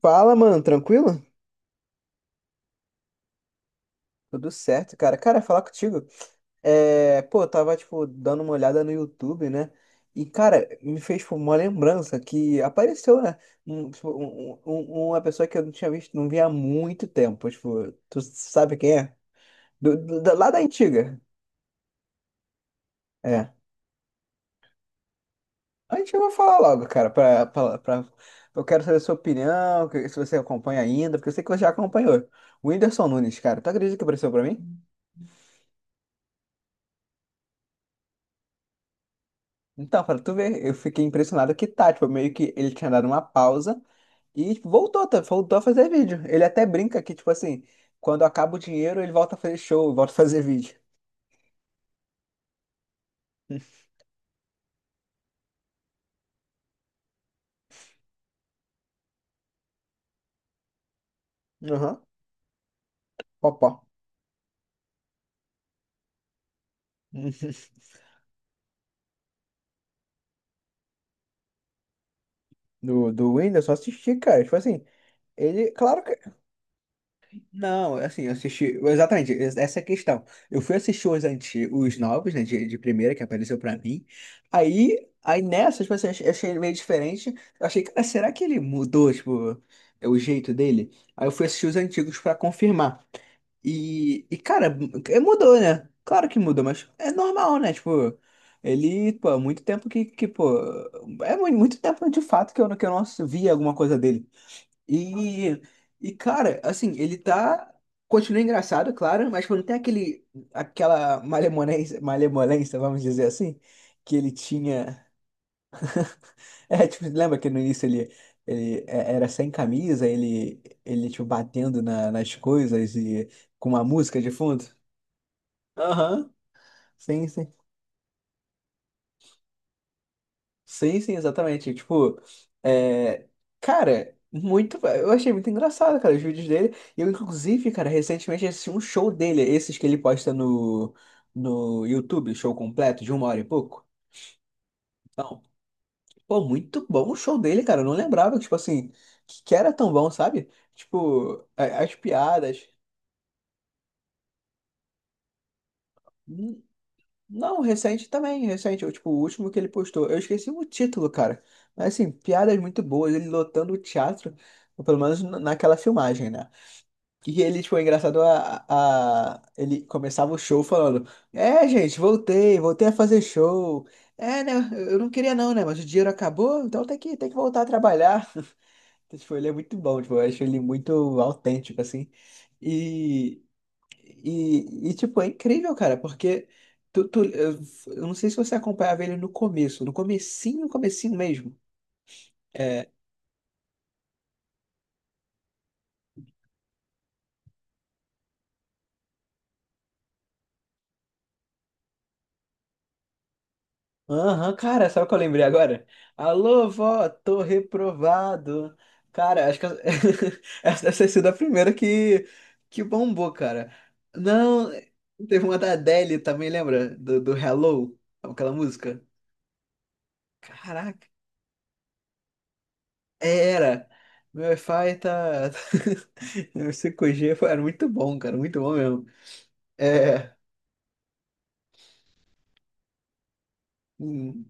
Fala, mano, tranquilo? Tudo certo, cara. Cara, falar contigo. É, pô, eu tava, tipo, dando uma olhada no YouTube, né? E, cara, me fez, tipo, uma lembrança que apareceu, né? Tipo, uma pessoa que eu não tinha visto, não via há muito tempo. Tipo, tu sabe quem é? Lá da antiga. É. A gente vai falar logo, cara. Eu quero saber a sua opinião, se você acompanha ainda, porque eu sei que você já acompanhou. O Whindersson Nunes, cara, tu acredita que apareceu pra mim? Então, pra tu ver, eu fiquei impressionado que tá, tipo, meio que ele tinha dado uma pausa e tipo, voltou, tá, voltou a fazer vídeo. Ele até brinca que, tipo assim, quando acaba o dinheiro, ele volta a fazer show, volta a fazer vídeo. Aham, opa. Do Windows, só assisti, cara. Tipo assim, ele, claro que. Não, assim, eu assisti. Exatamente, essa é a questão. Eu fui assistir os antigos, os novos, né, de primeira, que apareceu pra mim. Aí nessas, tipo assim, eu achei ele meio diferente. Eu achei, cara, será que ele mudou, tipo, é o jeito dele? Aí eu fui assistir os antigos pra confirmar. E cara, mudou, né? Claro que mudou, mas é normal, né? Tipo, ele, pô, há muito tempo que pô. É muito tempo de fato que eu não via alguma coisa dele. E, e cara, assim, ele tá. Continua engraçado, claro, mas quando tem aquele, aquela malemolência, malemolência, vamos dizer assim, que ele tinha. É, tipo, lembra que no início ele, era sem camisa, ele tipo, batendo nas coisas e com uma música de fundo? Aham, sim, sim. Sim, sim, exatamente. Tipo, é... cara, muito. Eu achei muito engraçado, cara, os vídeos dele. E eu, inclusive, cara, recentemente assisti um show dele, esses que ele posta no YouTube, show completo, de uma hora e pouco. Então, pô, muito bom o show dele, cara. Eu não lembrava, tipo assim, que era tão bom, sabe? Tipo, as piadas. Não, recente também, recente. Eu, tipo, o último que ele postou. Eu esqueci o título, cara. Mas assim, piadas muito boas, ele lotando o teatro, ou pelo menos naquela filmagem, né? E ele, tipo, é engraçado. Ele começava o show falando, é, gente, voltei, voltei a fazer show. É, né? Eu não queria não, né? Mas o dinheiro acabou, então tem que voltar a trabalhar. Então, tipo, ele é muito bom, tipo, eu acho ele muito autêntico, assim. E e, tipo, é incrível, cara, porque tu, tu- eu eu não sei se você acompanhava ele no começo, no comecinho, comecinho mesmo. É, aham, cara, sabe o que eu lembrei agora? Alô, vó, tô reprovado. Cara, acho que essa deve ter sido a primeira que bombou, cara. Não, teve uma da Adele também, lembra? Do Hello, aquela música. Caraca. Era. Meu Wi-Fi tá. Meu 5G foi. Era muito bom, cara. Muito bom mesmo. É. hum,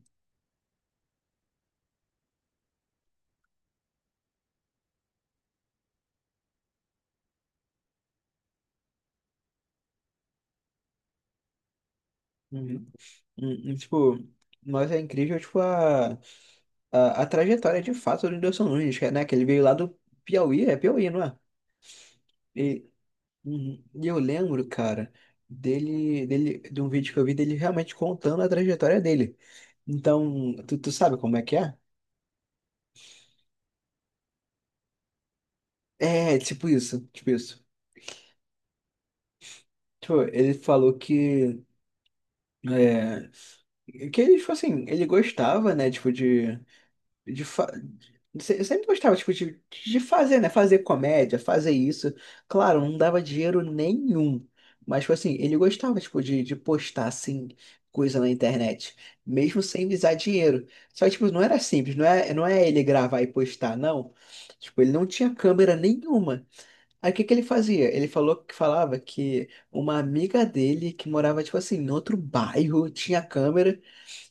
hum, Tipo, mas é incrível, tipo, a trajetória de fato do Whindersson Nunes, que é, né? Que ele veio lá do Piauí, é Piauí, não é? E, uhum, e eu lembro, cara, dele, de um vídeo que eu vi dele realmente contando a trajetória dele. Então, tu, tu sabe como é que é? É, tipo isso, tipo isso. Tipo, ele falou que. é, Que ele, tipo assim, ele gostava, né, tipo, de, fa- de- se- sempre gostava, tipo, de fazer, né, fazer comédia, fazer isso. Claro, não dava dinheiro nenhum. Mas, tipo assim, ele gostava, tipo, de postar, assim, coisa na internet. Mesmo sem visar dinheiro. Só que, tipo, não era simples, não é ele gravar e postar, não. Tipo, ele não tinha câmera nenhuma. Aí, o que que ele fazia? Ele falou que falava que uma amiga dele, que morava, tipo assim, em outro bairro, tinha câmera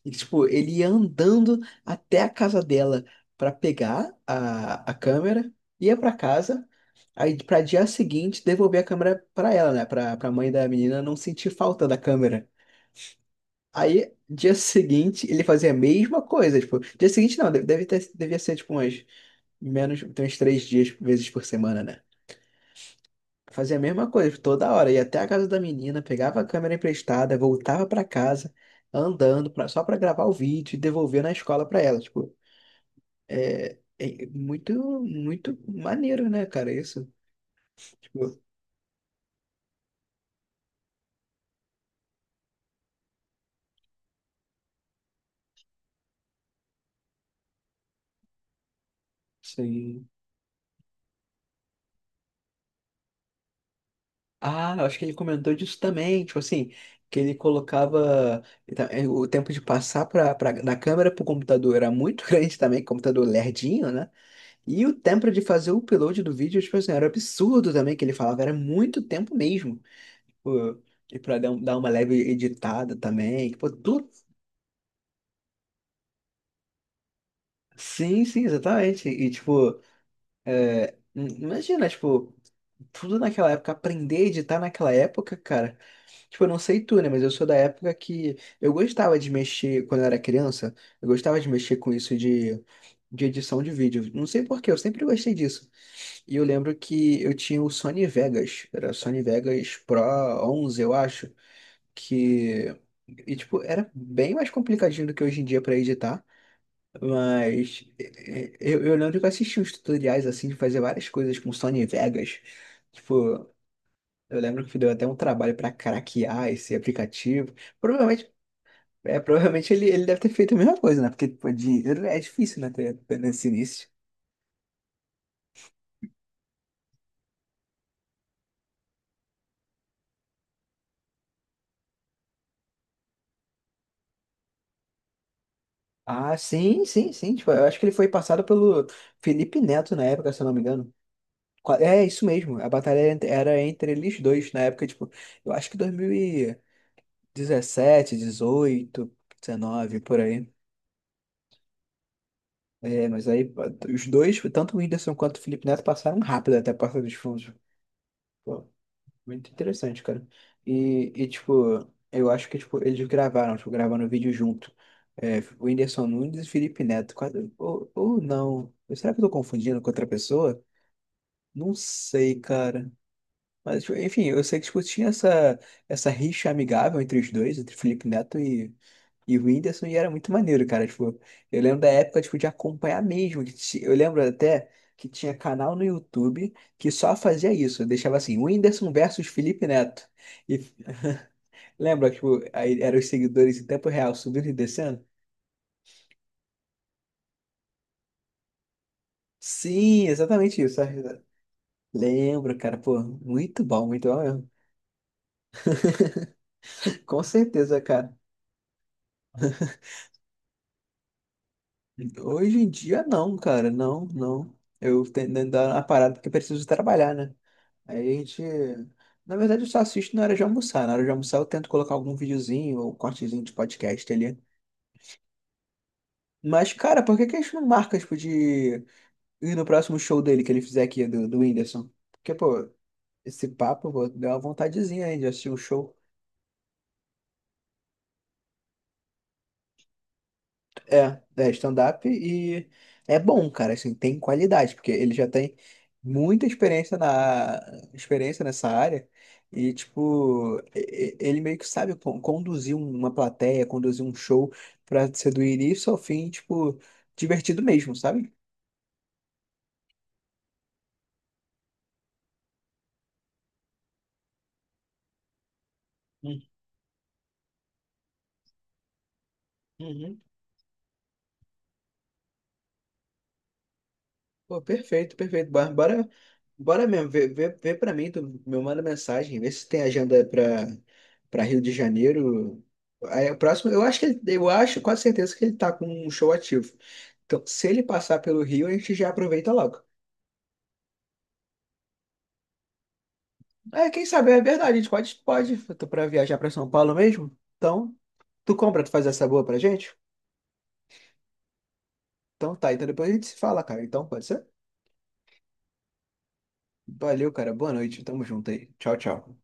e, tipo, ele ia andando até a casa dela pra pegar a câmera, ia pra casa, aí pra dia seguinte devolver a câmera pra ela, né? Pra, pra mãe da menina não sentir falta da câmera. Aí, dia seguinte, ele fazia a mesma coisa, tipo, dia seguinte não, devia ser, tipo, umas menos, tem uns três dias, vezes por semana, né? Fazia a mesma coisa, tipo, toda hora, ia até a casa da menina, pegava a câmera emprestada, voltava pra casa, andando, pra, só pra gravar o vídeo e devolver na escola pra ela, tipo, é, é muito, muito maneiro, né, cara? Isso, tipo, sim. Ah, eu acho que ele comentou disso também, tipo assim, que ele colocava então, é, o tempo de passar pra, da câmera pro computador era muito grande também, computador lerdinho, né? E o tempo de fazer o upload do vídeo, tipo assim, era absurdo também, que ele falava, era muito tempo mesmo. Pô, e pra dar, dar uma leve editada também, tipo, tudo. Sim, sim, exatamente. E, tipo, imagina, tipo. Tudo naquela época, aprender a editar naquela época, cara. Tipo, eu não sei tu, né? Mas eu sou da época que eu gostava de mexer, quando eu era criança, eu gostava de mexer com isso de edição de vídeo. Não sei por quê, eu sempre gostei disso. E eu lembro que eu tinha o Sony Vegas, era o Sony Vegas Pro 11 eu acho, que. E, tipo, era bem mais complicadinho do que hoje em dia pra editar, mas eh, eu lembro que eu assisti uns tutoriais, assim, de fazer várias coisas com Sony Vegas. Tipo, eu lembro que deu até um trabalho para craquear esse aplicativo. Provavelmente, é, provavelmente ele, deve ter feito a mesma coisa, né? Porque pô, dinheiro é difícil, né? ter- ter Nesse início. Ah, sim, sim, sim. Tipo, eu acho que ele foi passado pelo Felipe Neto na época, se eu não me engano. É isso mesmo. A batalha era entre eles dois na época, tipo, eu acho que 2017, 18, 19, por aí. É, mas aí pô, os dois, tanto o Whindersson quanto o Felipe Neto, passaram rápido até a porta dos fundos. Muito interessante, cara. E, tipo, eu acho que tipo, eles gravaram, tipo, gravaram o vídeo junto. É, o Whindersson Nunes e Felipe Neto. Ou não. Será que eu tô confundindo com outra pessoa? Não sei, cara. Mas, tipo, enfim, eu sei que tipo, tinha essa rixa amigável entre os dois, entre Felipe Neto e o Whindersson, e era muito maneiro, cara. Tipo, eu lembro da época, tipo, de acompanhar mesmo. Eu lembro até que tinha canal no YouTube que só fazia isso. Eu deixava assim, Whindersson versus Felipe Neto. E lembra, tipo, aí eram os seguidores em tempo real subindo e descendo? Sim, exatamente isso. Lembro, cara. Pô, muito bom mesmo. Com certeza, cara. Hoje em dia, não, cara. Não, não. Eu tenho que dar uma parada porque eu preciso trabalhar, né? Aí a gente. Na verdade, eu só assisto na hora de almoçar. Na hora de almoçar, eu tento colocar algum videozinho ou cortezinho de podcast ali. Mas, cara, por que que a gente não marca, tipo, de ir no próximo show dele que ele fizer aqui, do, do Whindersson? Porque, pô, esse papo, pô, deu uma vontadezinha aí de assistir um show. É, é stand-up e é bom, cara, assim, tem qualidade, porque ele já tem muita experiência na experiência nessa área e tipo, ele meio que sabe conduzir uma plateia, conduzir um show pra ser do início ao fim, tipo, divertido mesmo, sabe? Uhum. Pô, perfeito, perfeito. Bora, bora, bora mesmo, vê pra mim, tu me manda mensagem, vê se tem agenda pra, Rio de Janeiro. Aí, o próximo, eu acho que ele, eu acho, quase certeza que ele tá com um show ativo. Então, se ele passar pelo Rio, a gente já aproveita logo. É, quem sabe, é verdade, a gente pode, eu tô pra viajar pra São Paulo mesmo. Então, tu compra, tu faz essa boa pra gente? Então tá, então depois a gente se fala, cara. Então, pode ser? Valeu, cara, boa noite, tamo junto aí. Tchau, tchau.